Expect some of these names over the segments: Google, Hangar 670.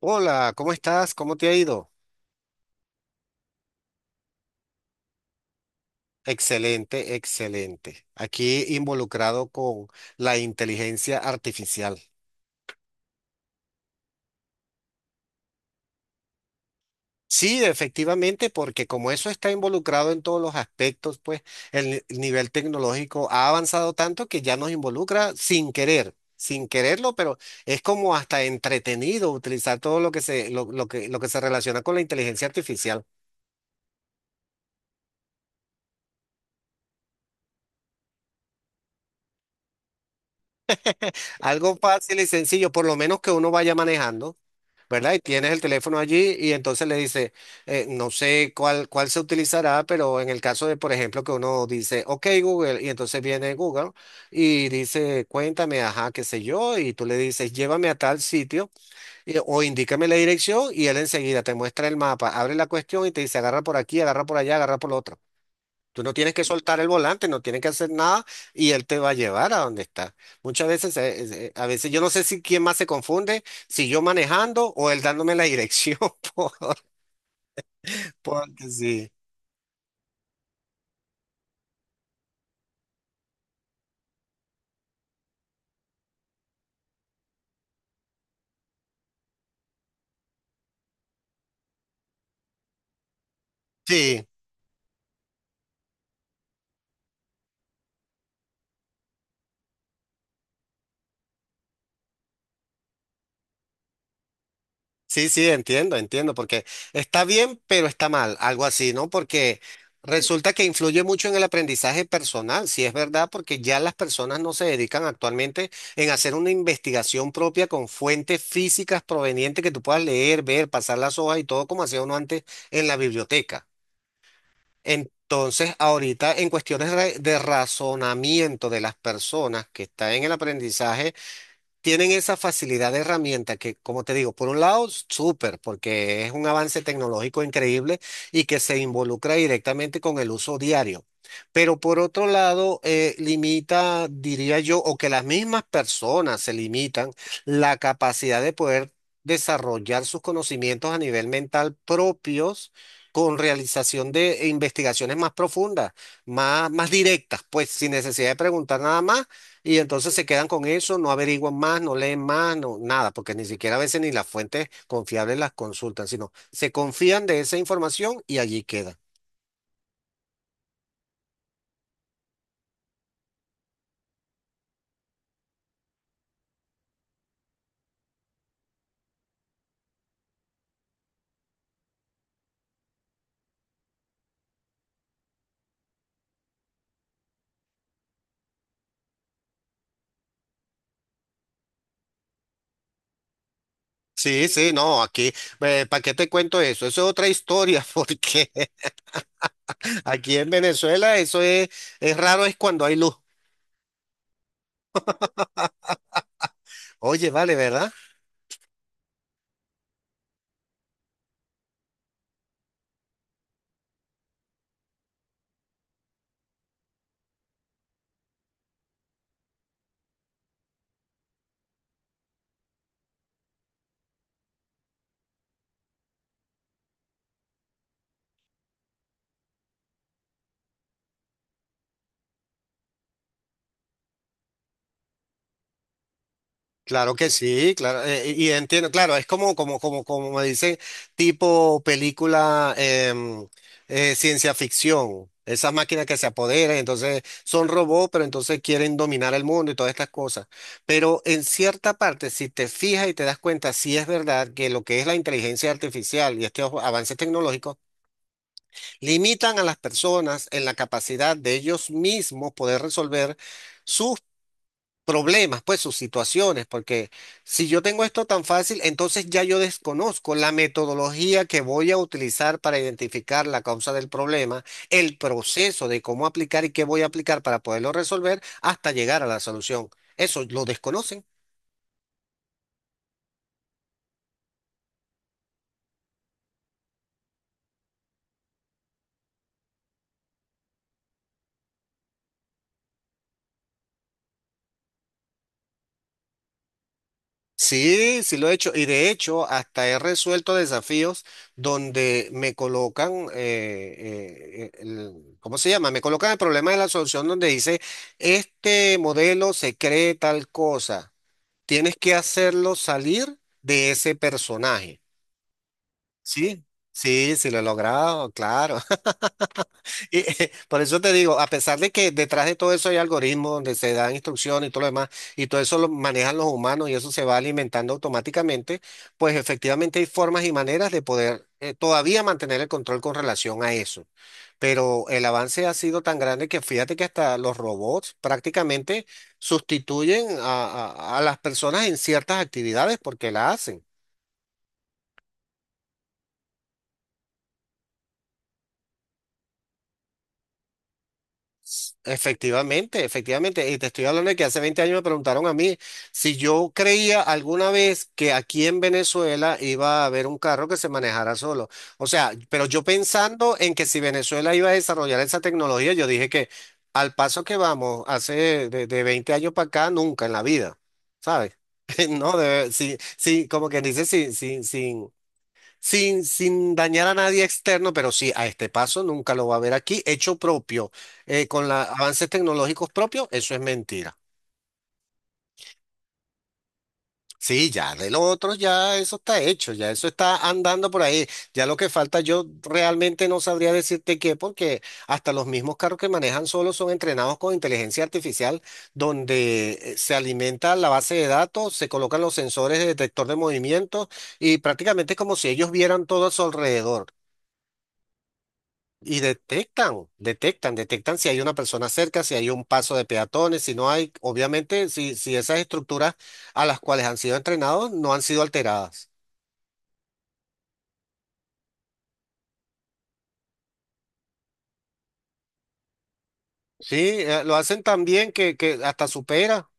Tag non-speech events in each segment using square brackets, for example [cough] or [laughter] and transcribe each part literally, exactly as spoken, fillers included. Hola, ¿cómo estás? ¿Cómo te ha ido? Excelente, excelente. Aquí involucrado con la inteligencia artificial. Sí, efectivamente, porque como eso está involucrado en todos los aspectos, pues el ni- el nivel tecnológico ha avanzado tanto que ya nos involucra sin querer, sin quererlo, pero es como hasta entretenido utilizar todo lo que se, lo, lo que, lo que se relaciona con la inteligencia artificial. Algo fácil y sencillo, por lo menos que uno vaya manejando. ¿Verdad? Y tienes el teléfono allí y entonces le dice, eh, no sé cuál, cuál se utilizará, pero en el caso de, por ejemplo, que uno dice, ok, Google, y entonces viene Google y dice, cuéntame, ajá, qué sé yo, y tú le dices, llévame a tal sitio y- o indícame la dirección y él enseguida te muestra el mapa, abre la cuestión y te dice, agarra por aquí, agarra por allá, agarra por lo otro. Tú no tienes que soltar el volante, no tienes que hacer nada y él te va a llevar a donde está. Muchas veces, eh, es- eh, a veces yo no sé si quién más se confunde, si yo manejando o él dándome la dirección, [laughs] por- porque sí. Sí. Sí, sí, entiendo, entiendo, porque está bien, pero está mal, algo así, ¿no? Porque resulta que influye mucho en el aprendizaje personal, si es verdad, porque ya las personas no se dedican actualmente en hacer una investigación propia con fuentes físicas provenientes que tú puedas leer, ver, pasar las hojas y todo como hacía uno antes en la biblioteca. Entonces, ahorita en cuestiones re- de razonamiento de las personas que están en el aprendizaje, tienen esa facilidad de herramienta que, como te digo, por un lado, súper, porque es un avance tecnológico increíble y que se involucra directamente con el uso diario. Pero por otro lado, eh, limita, diría yo, o que las mismas personas se limitan la capacidad de poder desarrollar sus conocimientos a nivel mental propios con realización de investigaciones más profundas, más, más directas, pues sin necesidad de preguntar nada más y entonces se quedan con eso, no averiguan más, no leen más, no, nada, porque ni siquiera a veces ni las fuentes confiables las consultan, sino se confían de esa información y allí queda. Sí, sí, no, aquí, ¿para qué te cuento eso? Eso es otra historia, [laughs] porque aquí en Venezuela eso es, es raro, es cuando hay luz. Oye, vale, ¿verdad? Claro que sí, claro, eh, y y entiendo, claro, es como, como, como, como me dicen, tipo película em, eh, ciencia ficción, esas máquinas que se apoderan, entonces son robots, pero entonces quieren dominar el mundo y todas estas cosas. Pero en cierta parte, si te fijas y te das cuenta, sí es verdad que lo que es la inteligencia artificial y estos avances tecnológicos limitan a las personas en la capacidad de ellos mismos poder resolver sus problemas, pues sus situaciones, porque si yo tengo esto tan fácil, entonces ya yo desconozco la metodología que voy a utilizar para identificar la causa del problema, el proceso de cómo aplicar y qué voy a aplicar para poderlo resolver hasta llegar a la solución. Eso lo desconocen. Sí, sí lo he hecho. Y de hecho, hasta he resuelto desafíos donde me colocan, eh, eh, el- ¿cómo se llama? Me colocan el problema de la solución donde dice, este modelo se cree tal cosa. Tienes que hacerlo salir de ese personaje. Sí, sí, sí lo he logrado, claro. Y, [laughs] por eso te digo, a pesar de que detrás de todo eso hay algoritmos donde se dan instrucciones y todo lo demás, y todo eso lo manejan los humanos y eso se va alimentando automáticamente, pues efectivamente hay formas y maneras de poder eh, todavía mantener el control con relación a eso. Pero el avance ha sido tan grande que fíjate que hasta los robots prácticamente sustituyen a, a a las personas en ciertas actividades porque la hacen. Efectivamente, efectivamente. Y te estoy hablando de que hace veinte años me preguntaron a mí si yo creía alguna vez que aquí en Venezuela iba a haber un carro que se manejara solo. O sea, pero yo pensando en que si Venezuela iba a desarrollar esa tecnología, yo dije que al paso que vamos, hace de, de veinte años para acá, nunca en la vida, ¿sabes? [laughs] No, de, sí, sí, como que dice, sin, sin, sin, sin, sin dañar a nadie externo, pero sí, a este paso nunca lo va a ver aquí, hecho propio, eh, con los avances tecnológicos propios, eso es mentira. Sí, ya de los otros ya eso está hecho, ya eso está andando por ahí. Ya lo que falta yo realmente no sabría decirte qué, porque hasta los mismos carros que manejan solos son entrenados con inteligencia artificial, donde eh, se alimenta la base de datos, se colocan los sensores de detector de movimientos y prácticamente es como si ellos vieran todo a su alrededor. Y detectan, detectan, detectan si hay una persona cerca, si hay un paso de peatones, si no hay, obviamente, si, si esas estructuras a las cuales han sido entrenados no han sido alteradas. Sí, eh, lo hacen tan bien que, que hasta supera.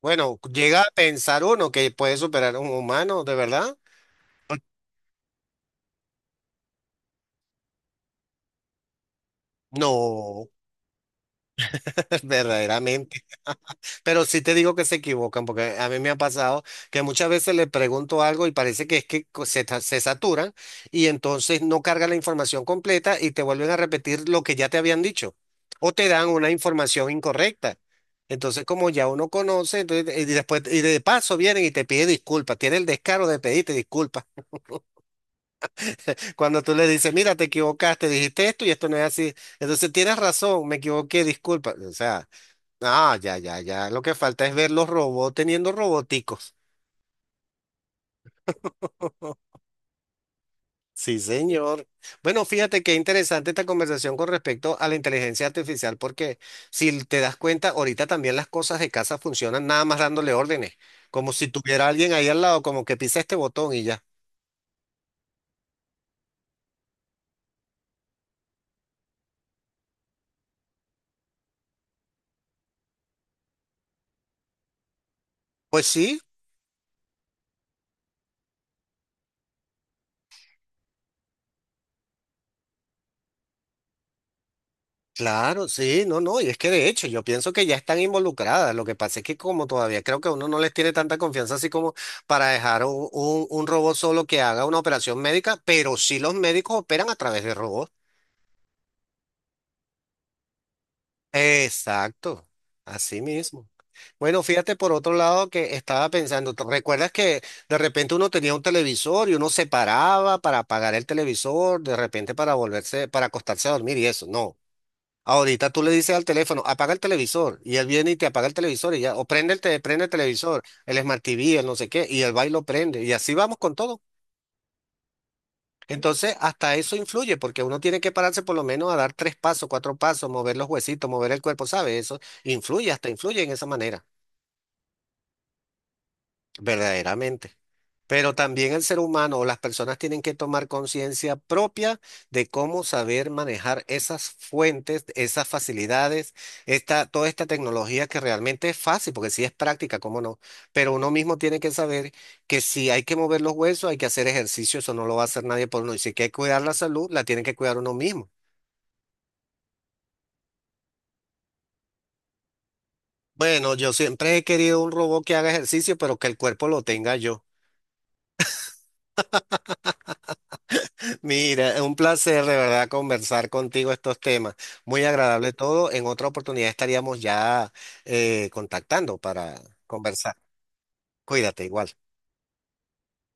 Bueno, llega a pensar uno que puede superar a un humano, ¿de verdad? No. [laughs] Verdaderamente. [laughs] Pero sí te digo que se equivocan, porque a mí me ha pasado que muchas veces le pregunto algo y parece que es que co- se, ta- se saturan y entonces no cargan la información completa y te vuelven a repetir lo que ya te habían dicho o te dan una información incorrecta. Entonces, como ya uno conoce, entonces, y después, y de paso vienen y te piden disculpas, tiene el descaro de pedirte disculpas. [laughs] Cuando tú le dices, mira, te equivocaste, dijiste esto y esto no es así. Entonces, tienes razón, me equivoqué, disculpa. O sea. Ah, ya, ya, ya. Lo que falta es ver los robots teniendo roboticos. [laughs] Sí, señor. Bueno, fíjate qué interesante esta conversación con respecto a la inteligencia artificial, porque si te das cuenta, ahorita también las cosas de casa funcionan nada más dándole órdenes, como si tuviera alguien ahí al lado, como que pisa este botón y ya. Pues sí. Claro, sí, no, no, y es que de hecho yo pienso que ya están involucradas. Lo que pasa es que como todavía creo que uno no les tiene tanta confianza así como para dejar un, un- un robot solo que haga una operación médica, pero sí los médicos operan a través de robots. Exacto, así mismo. Bueno, fíjate por otro lado que estaba pensando, ¿te ¿recuerdas que de repente uno tenía un televisor y uno se paraba para apagar el televisor, de repente para volverse, para acostarse a dormir y eso? No. Ahorita tú le dices al teléfono, apaga el televisor, y él viene y te apaga el televisor, y ya, o prende el, te- prende el televisor, el Smart T V, el no sé qué, y el baile lo prende, y así vamos con todo. Entonces, hasta eso influye, porque uno tiene que pararse por lo menos a dar tres pasos, cuatro pasos, mover los huesitos, mover el cuerpo, ¿sabes? Eso influye, hasta influye en esa manera. Verdaderamente. Pero también el ser humano o las personas tienen que tomar conciencia propia de cómo saber manejar esas fuentes, esas facilidades, esta, toda esta tecnología que realmente es fácil, porque sí es práctica, cómo no. Pero uno mismo tiene que saber que si hay que mover los huesos, hay que hacer ejercicio, eso no lo va a hacer nadie por uno. Y si hay que cuidar la salud, la tiene que cuidar uno mismo. Bueno, yo siempre he querido un robot que haga ejercicio, pero que el cuerpo lo tenga yo. Mira, un placer de verdad conversar contigo estos temas. Muy agradable todo. En otra oportunidad estaríamos ya eh, contactando para conversar. Cuídate igual.